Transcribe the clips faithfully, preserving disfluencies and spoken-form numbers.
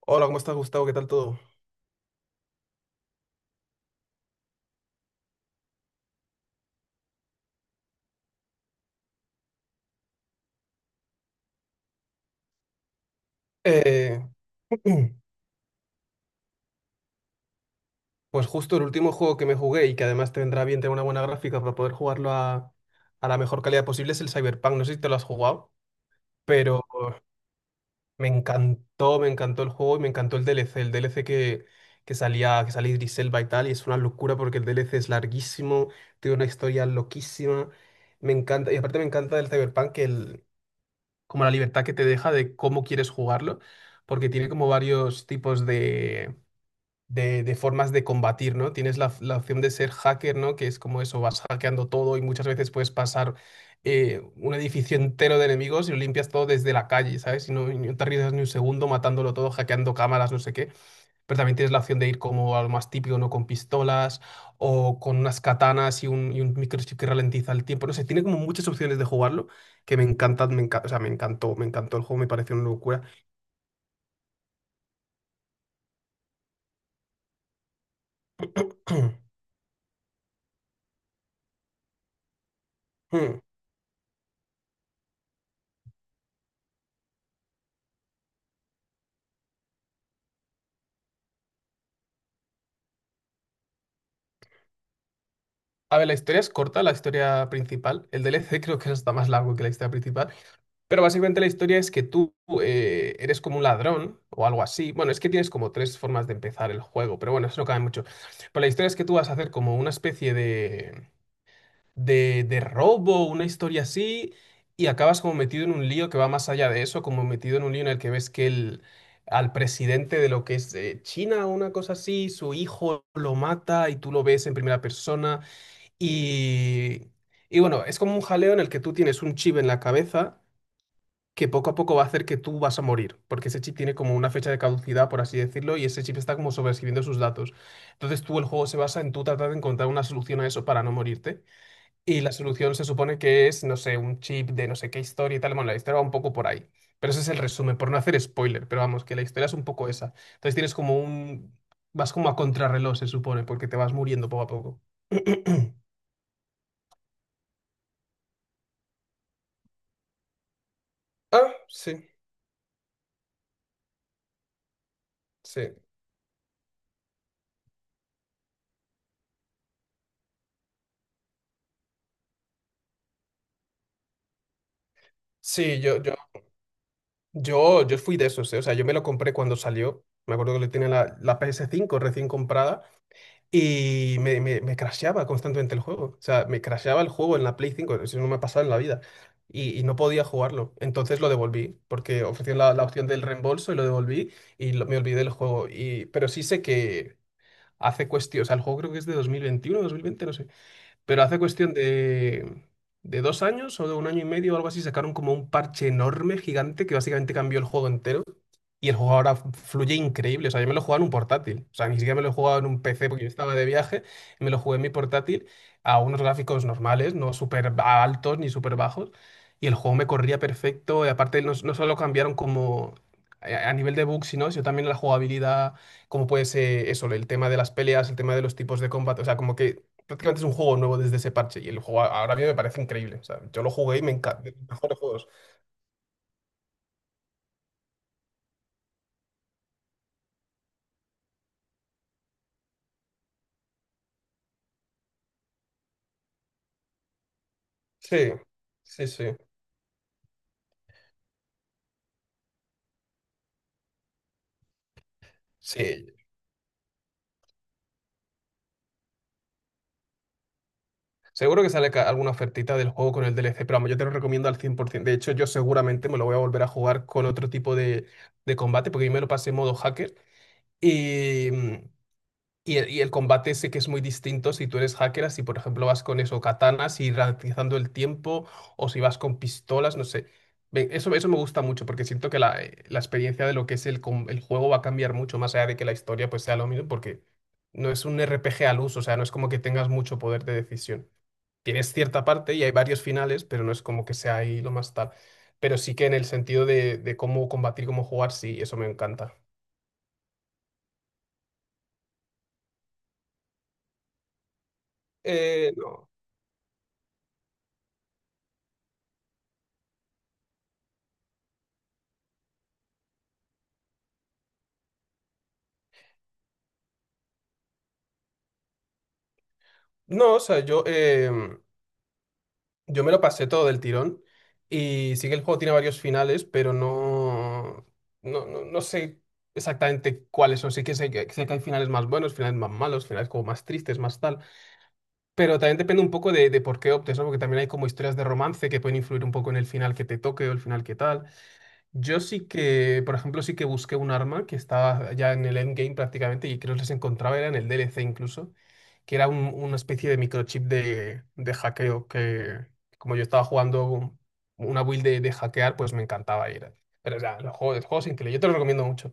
Hola, ¿cómo estás, Gustavo? ¿Qué tal todo? Eh, pues justo el último juego que me jugué y que además te vendrá bien tener una buena gráfica para poder jugarlo a, a la mejor calidad posible es el Cyberpunk. No sé si te lo has jugado, pero me encantó, me encantó el juego y me encantó el D L C. El D L C que, que salía, que salía Idris Elba y tal, y es una locura porque el D L C es larguísimo, tiene una historia loquísima. Me encanta, y aparte me encanta del Cyberpunk que el, como la libertad que te deja de cómo quieres jugarlo, porque tiene como varios tipos de de, de formas de combatir, ¿no? Tienes la, la opción de ser hacker, ¿no? Que es como eso, vas hackeando todo y muchas veces puedes pasar eh, un edificio entero de enemigos y lo limpias todo desde la calle, ¿sabes? Y no, y no te arriesgas ni un segundo matándolo todo, hackeando cámaras, no sé qué. Pero también tienes la opción de ir como a lo más típico, ¿no? Con pistolas o con unas katanas y un, y un microchip que ralentiza el tiempo. No sé, tiene como muchas opciones de jugarlo que me encantan, me enca- o sea, me encantó, me encantó el juego, me pareció una locura. A ver, la historia es corta, la historia principal. El D L C creo que es hasta más largo que la historia principal. Pero básicamente la historia es que tú eh, eres como un ladrón o algo así. Bueno, es que tienes como tres formas de empezar el juego, pero bueno, eso no cabe mucho. Pero la historia es que tú vas a hacer como una especie de, de, de robo, una historia así, y acabas como metido en un lío que va más allá de eso, como metido en un lío en el que ves que el, al presidente de lo que es eh, China o una cosa así, su hijo lo mata y tú lo ves en primera persona. Y, y bueno, es como un jaleo en el que tú tienes un chip en la cabeza que poco a poco va a hacer que tú vas a morir, porque ese chip tiene como una fecha de caducidad, por así decirlo, y ese chip está como sobreescribiendo sus datos. Entonces tú el juego se basa en tú tratar de encontrar una solución a eso para no morirte. Y la solución se supone que es, no sé, un chip de no sé qué historia y tal. Bueno, la historia va un poco por ahí. Pero ese es el resumen, por no hacer spoiler, pero vamos, que la historia es un poco esa. Entonces tienes como un... Vas como a contrarreloj, se supone, porque te vas muriendo poco a poco. Ah, sí. Sí, sí, yo, yo, yo, yo fui de esos, ¿eh? O sea, yo me lo compré cuando salió. Me acuerdo que le tenía la, la ps cinco recién comprada y me, me, me crasheaba constantemente el juego. O sea, me crasheaba el juego en la Play cinco, eso no me ha pasado en la vida. Y, y no podía jugarlo. Entonces lo devolví, porque ofrecían la, la opción del reembolso y lo devolví y lo- me olvidé del juego. Y, pero sí sé que hace cuestión, o sea, el juego creo que es de dos dos mil veintiuno, dos mil veinte, no sé. Pero hace cuestión de, de dos años o de un año y medio o algo así, sacaron como un parche enorme, gigante, que básicamente cambió el juego entero. Y el juego ahora fluye increíble. O sea, yo me lo jugaba en un portátil. O sea, ni siquiera me lo he jugado en un P C porque yo estaba de viaje. Y me lo jugué en mi portátil a unos gráficos normales, no súper ba- altos ni súper bajos. Y el juego me corría perfecto. Y aparte, no, no solo cambiaron como a a nivel de bugs, sino sino también la jugabilidad, como puede ser eso, el tema de las peleas, el tema de los tipos de combate. O sea, como que prácticamente es un juego nuevo desde ese parche. Y el juego a- ahora mismo me parece increíble. O sea, yo lo jugué y me encanta. De los mejores juegos. Sí, sí, sí. Sí, seguro que sale ca- alguna ofertita del juego con el D L C, pero vamos, yo te lo recomiendo al cien por ciento. De hecho, yo seguramente me lo voy a volver a jugar con otro tipo de, de combate, porque yo me lo pasé en modo hacker. Y, mm, y, el y el combate sé que es muy distinto si tú eres hacker, si por ejemplo vas con eso, katanas y ralentizando el tiempo, o si vas con pistolas, no sé. Ve- Eso, eso me gusta mucho, porque siento que la, eh, la experiencia de lo que es el, com- el juego va a cambiar mucho, más allá de que la historia pues sea lo mismo, porque no es un R P G al uso, o sea, no es como que tengas mucho poder de decisión, tienes cierta parte y hay varios finales, pero no es como que sea ahí lo más tal. Pero sí que en el sentido de, de cómo combatir, cómo jugar, sí, eso me encanta. Eh, no, no, o sea, yo, em, yo me lo pasé todo del tirón y sí que el juego tiene varios finales, pero no, no, no, no sé exactamente cuáles son. Sí que sé, que sé que hay finales más buenos, finales más malos, finales como más tristes, más tal. Pero también depende un poco de, de por qué optes, ¿no? Porque también hay como historias de romance que pueden influir un poco en el final que te toque o el final que tal. Yo sí que, por ejemplo, sí que busqué un arma que estaba ya en el endgame prácticamente y que no les encontraba, era en el D L C incluso, que era un- una especie de microchip de, de hackeo que, como yo estaba jugando un- una build de, de hackear, pues me encantaba ir. Pero ya, el juego, el juego es increíble, yo te lo recomiendo mucho.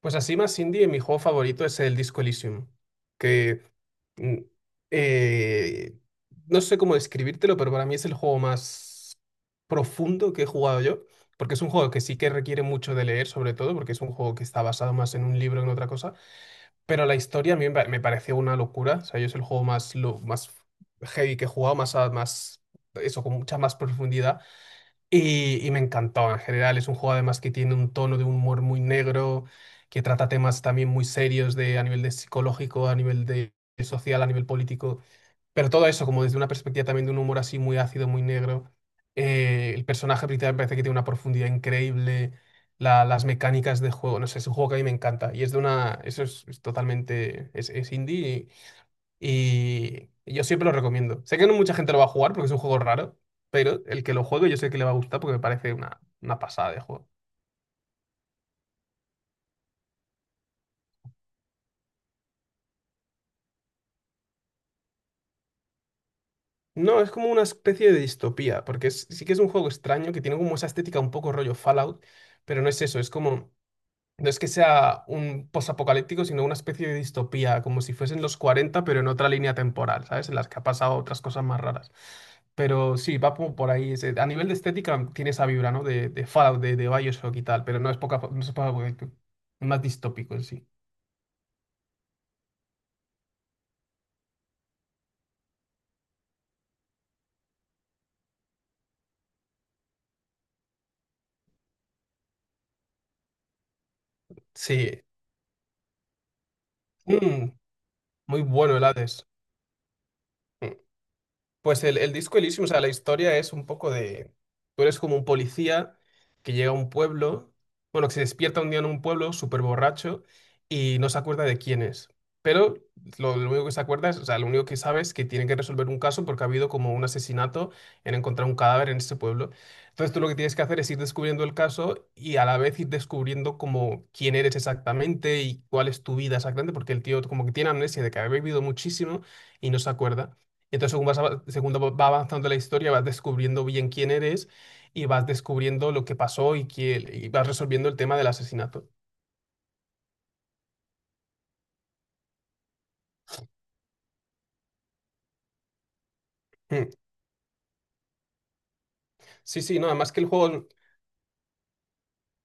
Pues así más indie, mi juego favorito es el Disco Elysium, que Mm, eh, no sé cómo describírtelo, pero para mí es el juego más profundo que he jugado yo, porque es un juego que sí que requiere mucho de leer, sobre todo, porque es un juego que está basado más en un libro que en otra cosa, pero la historia a mí me pa- me pareció una locura, o sea, yo es el juego más, lo, más heavy que he jugado, más, a- más eso, con mucha más profundidad. Y, y me encantó en general. Es un juego además que tiene un tono de humor muy negro, que trata temas también muy serios de, a nivel de psicológico, a nivel de social, a nivel político. Pero todo eso como desde una perspectiva también de un humor así muy ácido, muy negro. Eh, el personaje principal me parece que tiene una profundidad increíble. La- las mecánicas de juego, no sé, es un juego que a mí me encanta. Y es de una, eso es, es totalmente, es, es indie y yo siempre lo recomiendo. Sé que no mucha gente lo va a jugar porque es un juego raro, pero el que lo juegue yo sé que le va a gustar porque me parece una, una pasada de juego. No, es como una especie de distopía, porque es- sí que es un juego extraño que tiene como esa estética un poco rollo Fallout, pero no es eso, es como no es que sea un posapocalíptico, sino una especie de distopía, como si fuesen los cuarenta pero en otra línea temporal, ¿sabes? En las que ha pasado otras cosas más raras. Pero sí, va como por ahí. ese- A nivel de estética mm, tiene esa vibra, ¿no? De, de Fallout, de, de Bioshock y tal, pero no es poca, no es poca- es más distópico en sí. Sí. Mm, muy bueno el Hades. Pues el, el disco Elysium, o sea, la historia es un poco de... Tú eres como un policía que llega a un pueblo, bueno, que se despierta un día en un pueblo súper borracho y no se acuerda de quién es. Pero lo, lo único que se acuerda es, o sea, lo único que sabe es que tiene que resolver un caso porque ha habido como un asesinato en encontrar un cadáver en ese pueblo. Entonces tú lo que tienes que hacer es ir descubriendo el caso y a la vez ir descubriendo como quién eres exactamente y cuál es tu vida exactamente, porque el tío como que tiene amnesia de que ha bebido muchísimo y no se acuerda. Entonces, según vas, ava- según va avanzando la historia, vas descubriendo bien quién eres y vas descubriendo lo que pasó y, quién- y vas resolviendo el tema del asesinato. Mm. Sí, sí, no, además que el juego,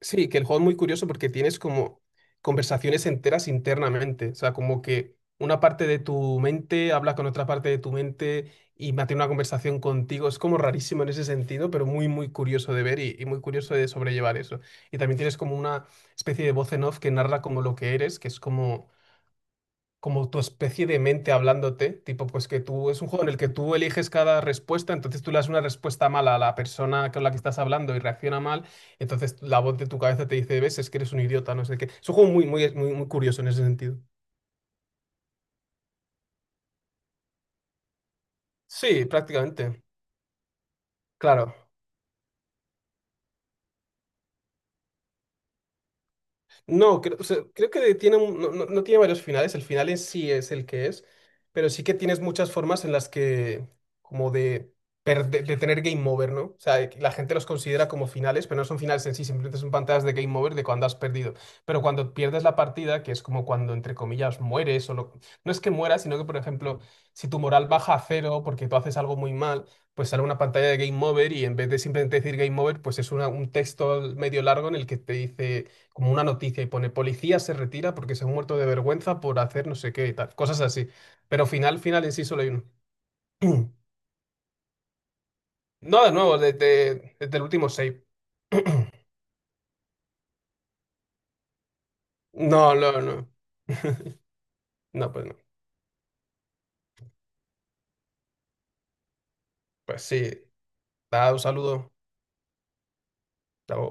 sí, que el juego es muy curioso porque tienes como conversaciones enteras internamente, o sea, como que una parte de tu mente habla con otra parte de tu mente y mantiene una conversación contigo. Es como rarísimo en ese sentido, pero muy, muy curioso de ver y, y muy curioso de sobrellevar eso. Y también tienes como una especie de voz en off que narra como lo que eres, que es como como tu especie de mente hablándote, tipo, pues que tú, es un juego en el que tú eliges cada respuesta, entonces tú le das una respuesta mala a la persona con la que estás hablando y reacciona mal, entonces la voz de tu cabeza te dice, ves, es que eres un idiota, no sé qué. Es un juego muy, muy, muy, muy curioso en ese sentido. Sí, prácticamente, claro. No, creo, o sea, creo que tiene un- no, no- no tiene varios finales, el final en sí es el que es, pero sí que tienes muchas formas en las que, como de, perde- de tener game over, ¿no? O sea, de que la gente los considera como finales, pero no son finales en sí, simplemente son pantallas de game over de cuando has perdido. Pero cuando pierdes la partida, que es como cuando, entre comillas, mueres, o lo- no es que mueras, sino que, por ejemplo, si tu moral baja a cero porque tú haces algo muy mal, pues sale una pantalla de game over y en vez de simplemente decir game over, pues es una- un texto medio largo en el que te dice como una noticia y pone policía se retira porque se ha muerto de vergüenza por hacer no sé qué y tal, cosas así. Pero final, final en sí solo hay uno. No, de nuevo, desde, desde el último save. No, no, no. No, pues no. Pues sí. Da un saludo. Chao.